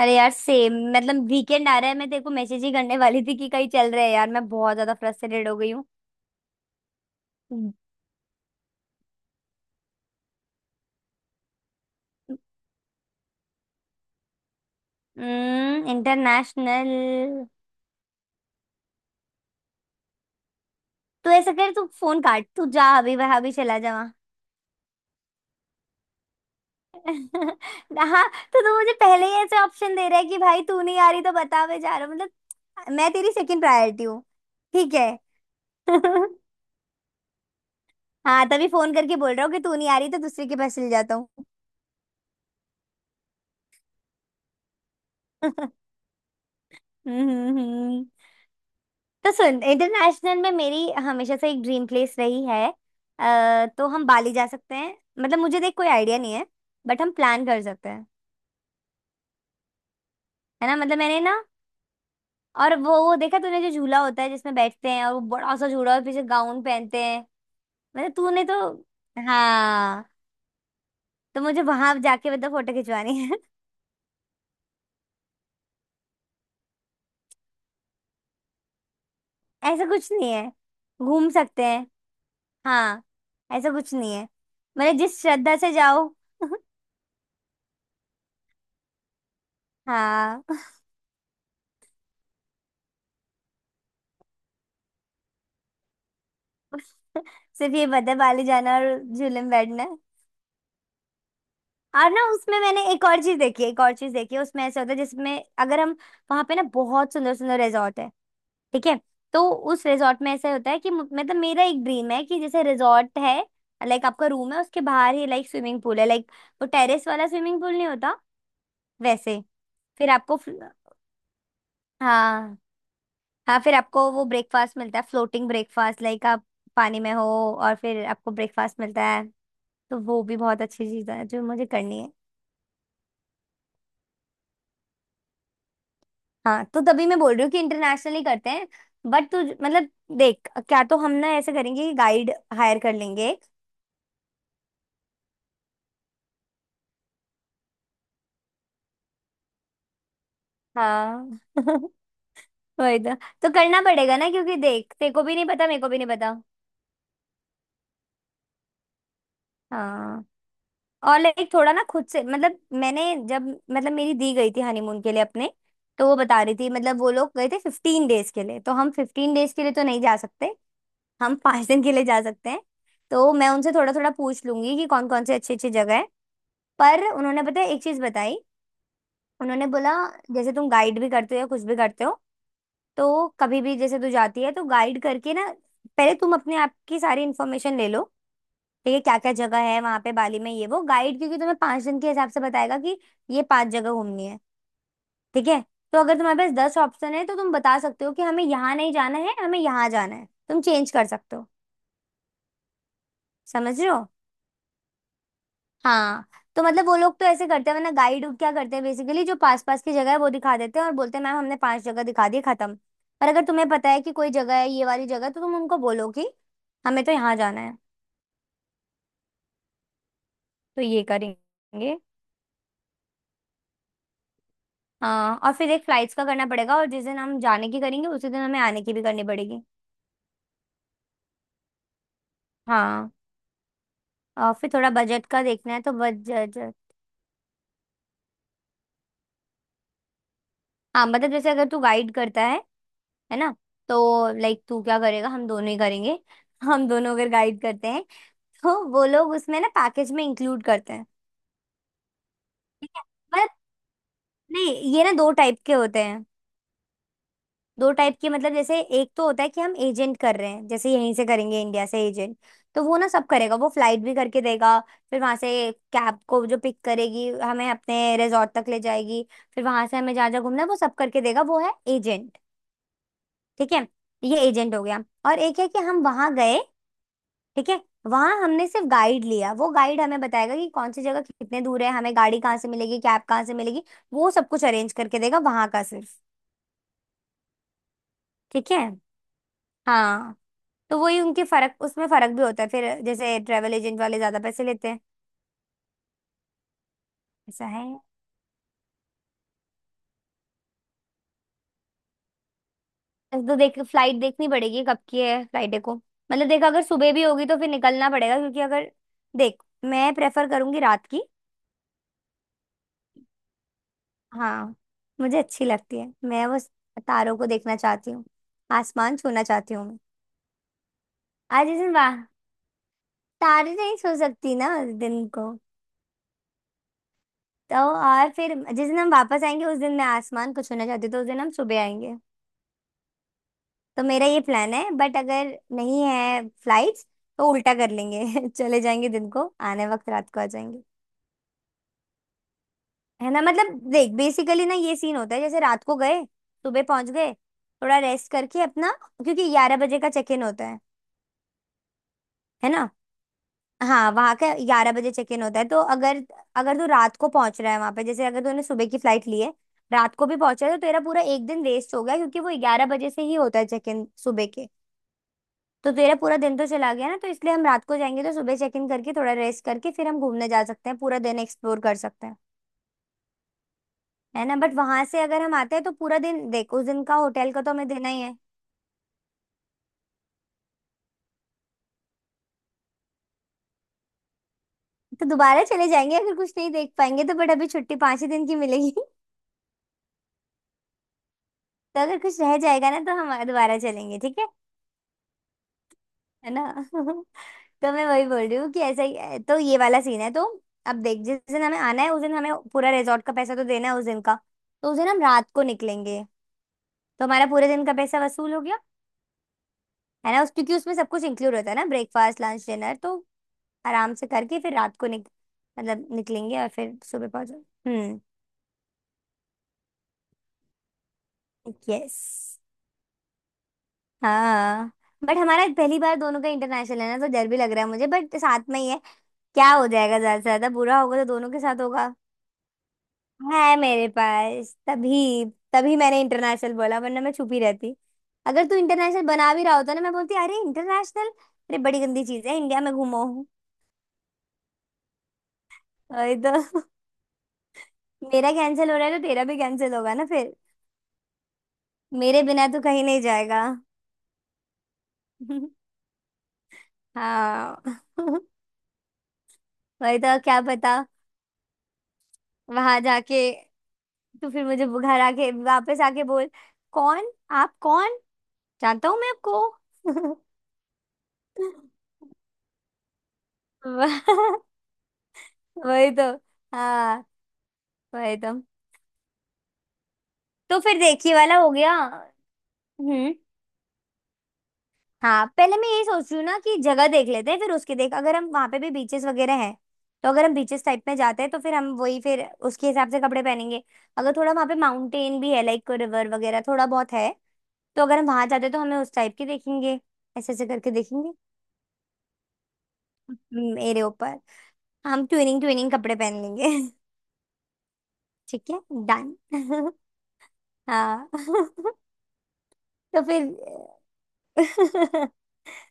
अरे यार, सेम। मतलब वीकेंड आ रहा है, मैं तेरे को मैसेज ही करने वाली थी कि कहीं चल रहे हैं यार। मैं बहुत ज्यादा फ्रस्ट्रेटेड हो गई हूँ। इंटरनेशनल। तू ऐसा कर, तू फोन काट, तू जा अभी वहां, भी चला जा वहाँ। हाँ, तो तू मुझे पहले ही ऐसे ऑप्शन दे रहा है कि भाई तू नहीं आ रही तो बता, मैं जा रहा हूँ। मतलब मैं तेरी सेकंड प्रायोरिटी हूँ। ठीक है। हाँ, तभी फोन करके बोल रहा हूँ कि तू नहीं आ रही तो दूसरे के पास चल जाता हूँ। हम्म हम्म, हम्म। तो सुन, इंटरनेशनल में मेरी हमेशा से एक ड्रीम प्लेस रही है। तो हम बाली जा सकते हैं। मतलब मुझे देख कोई आइडिया नहीं है बट हम प्लान कर सकते हैं। है ना, मतलब मैंने ना और वो देखा तूने, जो झूला होता है जिसमें बैठते हैं, और वो बड़ा सा झूला और पीछे गाउन पहनते हैं। मतलब तूने तो। हाँ, तो मुझे वहां जाके मतलब फोटो खिंचवानी है। ऐसा कुछ नहीं है, घूम सकते हैं। हाँ, ऐसा कुछ नहीं है, मतलब जिस श्रद्धा से जाओ। हाँ। सिर्फ ये बता, बाली जाना और झूले में बैठना। और ना उसमें मैंने एक और चीज देखी है, उसमें ऐसा होता है जिसमें अगर हम वहां पे ना बहुत सुंदर सुंदर रिजॉर्ट है। ठीक है। तो उस रिजॉर्ट में ऐसा होता है कि मतलब मेरा एक ड्रीम है कि जैसे रिजॉर्ट है, लाइक आपका रूम है, उसके बाहर ही लाइक स्विमिंग पूल है, लाइक वो टेरेस वाला स्विमिंग पूल नहीं होता वैसे। फिर आपको हाँ हाँ, फिर आपको वो ब्रेकफास्ट मिलता है, फ्लोटिंग ब्रेकफास्ट, लाइक आप पानी में हो, और फिर आपको ब्रेकफास्ट मिलता है। तो वो भी बहुत अच्छी चीज है जो मुझे करनी है। हाँ, तो तभी मैं बोल रही हूँ कि इंटरनेशनली करते हैं। बट तू मतलब देख, क्या तो हम ना ऐसे करेंगे कि गाइड हायर कर लेंगे एक। हाँ। वही तो करना पड़ेगा ना, क्योंकि देख तेरे को भी नहीं पता, मेरे को भी नहीं पता। हाँ, और लाइक थोड़ा ना खुद से, मतलब मैंने जब मतलब मेरी दी गई थी हनीमून के लिए अपने, तो वो बता रही थी। मतलब वो लोग गए थे 15 डेज के लिए, तो हम 15 डेज के लिए तो नहीं जा सकते। हम 5 दिन के लिए जा सकते हैं। तो मैं उनसे थोड़ा थोड़ा पूछ लूंगी कि कौन कौन से अच्छी अच्छी जगह है। पर उन्होंने पता है एक चीज बताई। उन्होंने बोला, जैसे तुम गाइड भी करते हो या कुछ भी करते हो, तो कभी भी जैसे तू जाती है तो गाइड करके ना, पहले तुम अपने आप की सारी इन्फॉर्मेशन ले लो। ठीक है, क्या क्या जगह है वहां पे बाली में, ये वो गाइड क्योंकि तुम्हें 5 दिन के हिसाब से बताएगा कि ये 5 जगह घूमनी है। ठीक है। तो अगर तुम्हारे पास 10 ऑप्शन है तो तुम बता सकते हो कि हमें यहाँ नहीं जाना है, हमें यहाँ जाना है, तुम चेंज कर सकते हो। समझ रहे हो। हाँ। तो मतलब वो लोग तो ऐसे करते हैं, वरना गाइड क्या करते हैं, बेसिकली जो पास पास की जगह है वो दिखा देते हैं और बोलते हैं मैम हमने 5 जगह दिखा दी खत्म। और अगर तुम्हें पता है कि कोई जगह है, ये वाली जगह, तो तुम उनको बोलो कि हमें तो यहाँ जाना है। तो ये करेंगे। हाँ। और फिर एक फ्लाइट्स का करना पड़ेगा, और जिस दिन हम जाने की करेंगे उसी दिन हमें आने की भी करनी पड़ेगी। हाँ। और फिर थोड़ा बजट का देखना है, तो बजट। हाँ, मतलब जैसे अगर तू गाइड करता है ना, तो लाइक तू क्या करेगा, हम दोनों ही करेंगे। हम दोनों अगर गाइड करते हैं तो वो लोग उसमें ना पैकेज में इंक्लूड करते हैं। ठीक है। पर नहीं, ये ना दो टाइप के होते हैं। दो टाइप के, मतलब जैसे एक तो होता है कि हम एजेंट कर रहे हैं, जैसे यहीं से करेंगे इंडिया से एजेंट, तो वो ना सब करेगा, वो फ्लाइट भी करके देगा, फिर वहां से कैब को जो पिक करेगी हमें अपने रिजॉर्ट तक ले जाएगी, फिर वहां से हमें जहाँ जहाँ घूमना है वो सब करके देगा, वो है एजेंट। ठीक है। ये एजेंट हो गया, और एक है कि हम वहां गए। ठीक है। वहां हमने सिर्फ गाइड लिया, वो गाइड हमें बताएगा कि कौन सी जगह कितने दूर है, हमें गाड़ी कहाँ से मिलेगी, कैब कहाँ से मिलेगी, वो सब कुछ अरेंज करके देगा वहां का सिर्फ। ठीक है। हाँ, तो वही उनके फर्क, उसमें फर्क भी होता है फिर, जैसे ट्रेवल एजेंट वाले ज्यादा पैसे लेते हैं। ऐसा है। तो देख फ्लाइट देखनी पड़ेगी कब की है फ्लाइट को। मतलब देख अगर सुबह भी होगी तो फिर निकलना पड़ेगा, क्योंकि अगर देख, मैं प्रेफर करूंगी रात की। हाँ, मुझे अच्छी लगती है, मैं बस तारों को देखना चाहती हूँ, आसमान छूना चाहती हूँ मैं। आज इस दिन वाह तारे नहीं सो सकती ना उस दिन को। तो और फिर जिस दिन हम वापस आएंगे उस दिन मैं आसमान को छूना चाहती हूँ, तो उस दिन हम सुबह आएंगे। तो मेरा ये प्लान है बट अगर नहीं है फ्लाइट्स, तो उल्टा कर लेंगे। चले जाएंगे दिन को, आने वक्त रात को आ जाएंगे। है ना, मतलब देख बेसिकली ना ये सीन होता है, जैसे रात को गए सुबह पहुंच गए, थोड़ा रेस्ट करके अपना, क्योंकि 11 बजे का चेक इन होता है। है ना। हाँ, वहां का 11 बजे चेक इन होता है, तो अगर अगर तू रात को पहुंच रहा है वहां पे, जैसे अगर तूने सुबह की फ्लाइट ली है, रात को भी पहुंचा है, तो तेरा पूरा एक दिन वेस्ट हो गया, क्योंकि वो 11 बजे से ही होता है चेक इन सुबह के। तो तेरा पूरा दिन तो चला गया ना, तो इसलिए हम रात को जाएंगे तो सुबह चेक इन करके थोड़ा रेस्ट करके फिर हम घूमने जा सकते हैं, पूरा दिन एक्सप्लोर कर सकते हैं। है ना, बट वहां से अगर हम आते हैं तो पूरा दिन देख, उस दिन का होटल का तो हमें देना ही है। तो दोबारा चले जाएंगे अगर कुछ नहीं देख पाएंगे तो, बट अभी छुट्टी पांच ही दिन की मिलेगी। तो अगर कुछ रह जाएगा ना तो हम दोबारा चलेंगे, ठीक है। है ना। तो मैं वही बोल रही हूँ कि ऐसा ही है। तो ये वाला सीन है तो अब देख जिस दिन हमें आना है उस दिन हमें पूरा रिजॉर्ट का पैसा तो देना है उस दिन का। तो उस दिन हम रात को निकलेंगे, तो हमारा पूरे दिन का पैसा वसूल हो गया। है ना, उस क्योंकि उसमें सब कुछ इंक्लूड होता है ना, ब्रेकफास्ट लंच डिनर, तो आराम से करके फिर रात को निक मतलब निकलेंगे और फिर सुबह पहुंचे। हम्म। यस। हाँ, बट हमारा पहली बार दोनों का इंटरनेशनल है ना, तो डर भी लग रहा है मुझे, बट साथ में ही है। क्या हो जाएगा, ज्यादा से ज्यादा बुरा होगा तो दोनों के साथ होगा। है मेरे पास, तभी तभी मैंने इंटरनेशनल बोला वरना मैं छुपी रहती। अगर तू इंटरनेशनल बना भी रहा होता ना, मैं बोलती अरे इंटरनेशनल, अरे बड़ी गंदी चीज है इंडिया में घूमो। अरे तो मेरा कैंसिल हो रहा है तो तेरा भी कैंसिल होगा ना फिर। मेरे बिना तो कहीं नहीं जाएगा। हाँ। वही तो, क्या पता वहां जाके, तो फिर मुझे वो घर आके वापस आके बोल कौन, आप कौन, जानता हूँ मैं आपको। वह- वही तो। हाँ, वही तो। तो फिर देखिए वाला हो गया। हम्म। हाँ, पहले मैं ये सोच रही हूँ ना कि जगह देख लेते हैं फिर उसके देख अगर हम वहां पे भी बीचेस वगैरह हैं, तो अगर हम बीचेस टाइप में जाते हैं तो फिर हम वही फिर उसके हिसाब से कपड़े पहनेंगे। अगर थोड़ा वहां पे माउंटेन भी है लाइक रिवर वगैरह थोड़ा बहुत है, तो अगर हम वहां जाते हैं तो हमें उस टाइप के देखेंगे, ऐसे ऐसे करके देखेंगे। मेरे ऊपर। हम ट्विनिंग ट्विनिंग कपड़े पहन लेंगे। ठीक है, डन। हाँ। तो फिर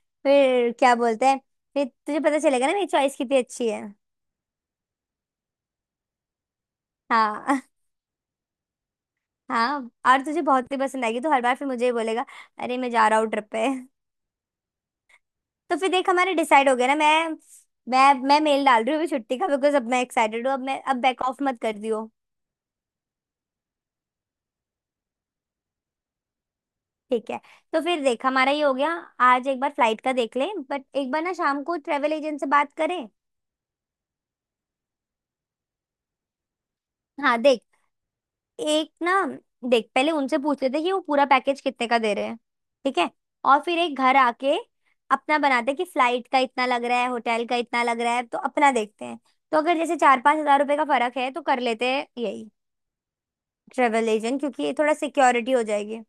फिर क्या बोलते हैं, फिर तुझे पता चलेगा ना मेरी चॉइस कितनी अच्छी है। हाँ। हाँ, और तुझे बहुत ही पसंद आएगी तो हर बार फिर मुझे ही बोलेगा अरे मैं जा रहा हूँ ट्रिप पे। तो फिर देख हमारा डिसाइड हो गया ना। मैं मेल डाल रही हूँ अभी छुट्टी का, बिकॉज अब मैं एक्साइटेड हूँ। अब बैक ऑफ मत कर दियो। ठीक है। तो फिर देख हमारा ये हो गया। आज एक बार फ्लाइट का देख ले, बट एक बार ना शाम को ट्रेवल एजेंट से बात करें। हाँ, देख एक ना, देख पहले उनसे पूछ लेते हैं कि वो पूरा पैकेज कितने का दे रहे हैं। ठीक है। और फिर एक घर आके अपना बनाते हैं कि फ्लाइट का इतना लग रहा है, होटल का इतना लग रहा है, तो अपना देखते हैं। तो अगर जैसे 4-5 हजार रुपए का फर्क है तो कर लेते हैं यही ट्रेवल एजेंट, क्योंकि ये थोड़ा सिक्योरिटी हो जाएगी।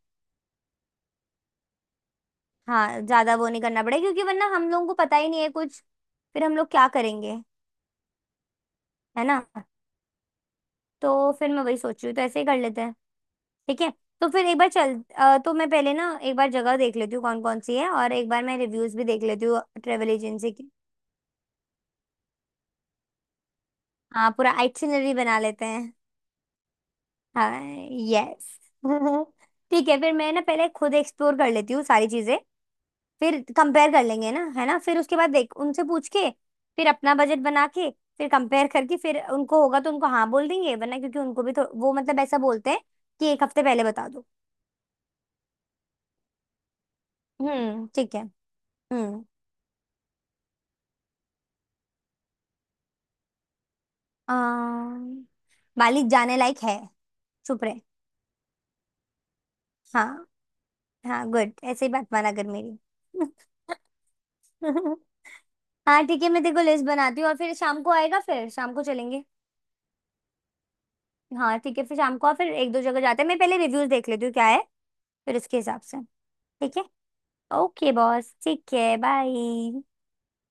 हाँ, ज्यादा वो नहीं करना पड़ेगा क्योंकि वरना हम लोगों को पता ही नहीं है कुछ। फिर हम लोग क्या करेंगे। है ना। तो फिर मैं वही सोच रही हूँ तो ऐसे ही कर लेते हैं। ठीक है। तो फिर एक बार चल तो मैं पहले ना एक बार जगह देख लेती हूँ कौन कौन सी है, और एक बार मैं रिव्यूज भी देख लेती हूँ ट्रेवल एजेंसी की। हाँ, पूरा आइटिनरी बना लेते हैं। हाँ। यस। ठीक है, फिर मैं ना पहले खुद एक्सप्लोर कर लेती हूँ सारी चीजें, फिर कंपेयर कर लेंगे ना, है ना, फिर उसके बाद देख उनसे पूछ के, फिर अपना बजट बना के, फिर कंपेयर करके फिर उनको होगा तो उनको हाँ बोल देंगे, वरना क्योंकि उनको भी तो वो मतलब ऐसा बोलते हैं कि एक हफ्ते पहले बता दो। हम्म, ठीक है। हम्म। अम्म, मालिक जाने लायक है। चुप रहे। हाँ हाँ, गुड, ऐसे ही बात माना कर मेरी। हाँ ठीक है, मैं तेरे को लिस्ट बनाती हूँ और फिर शाम को आएगा फिर शाम को चलेंगे। हाँ ठीक है, फिर शाम को और फिर एक दो जगह जाते हैं, मैं पहले रिव्यूज देख लेती हूँ क्या है, फिर उसके हिसाब से। ठीक है। ओके बॉस, ठीक है, बाय।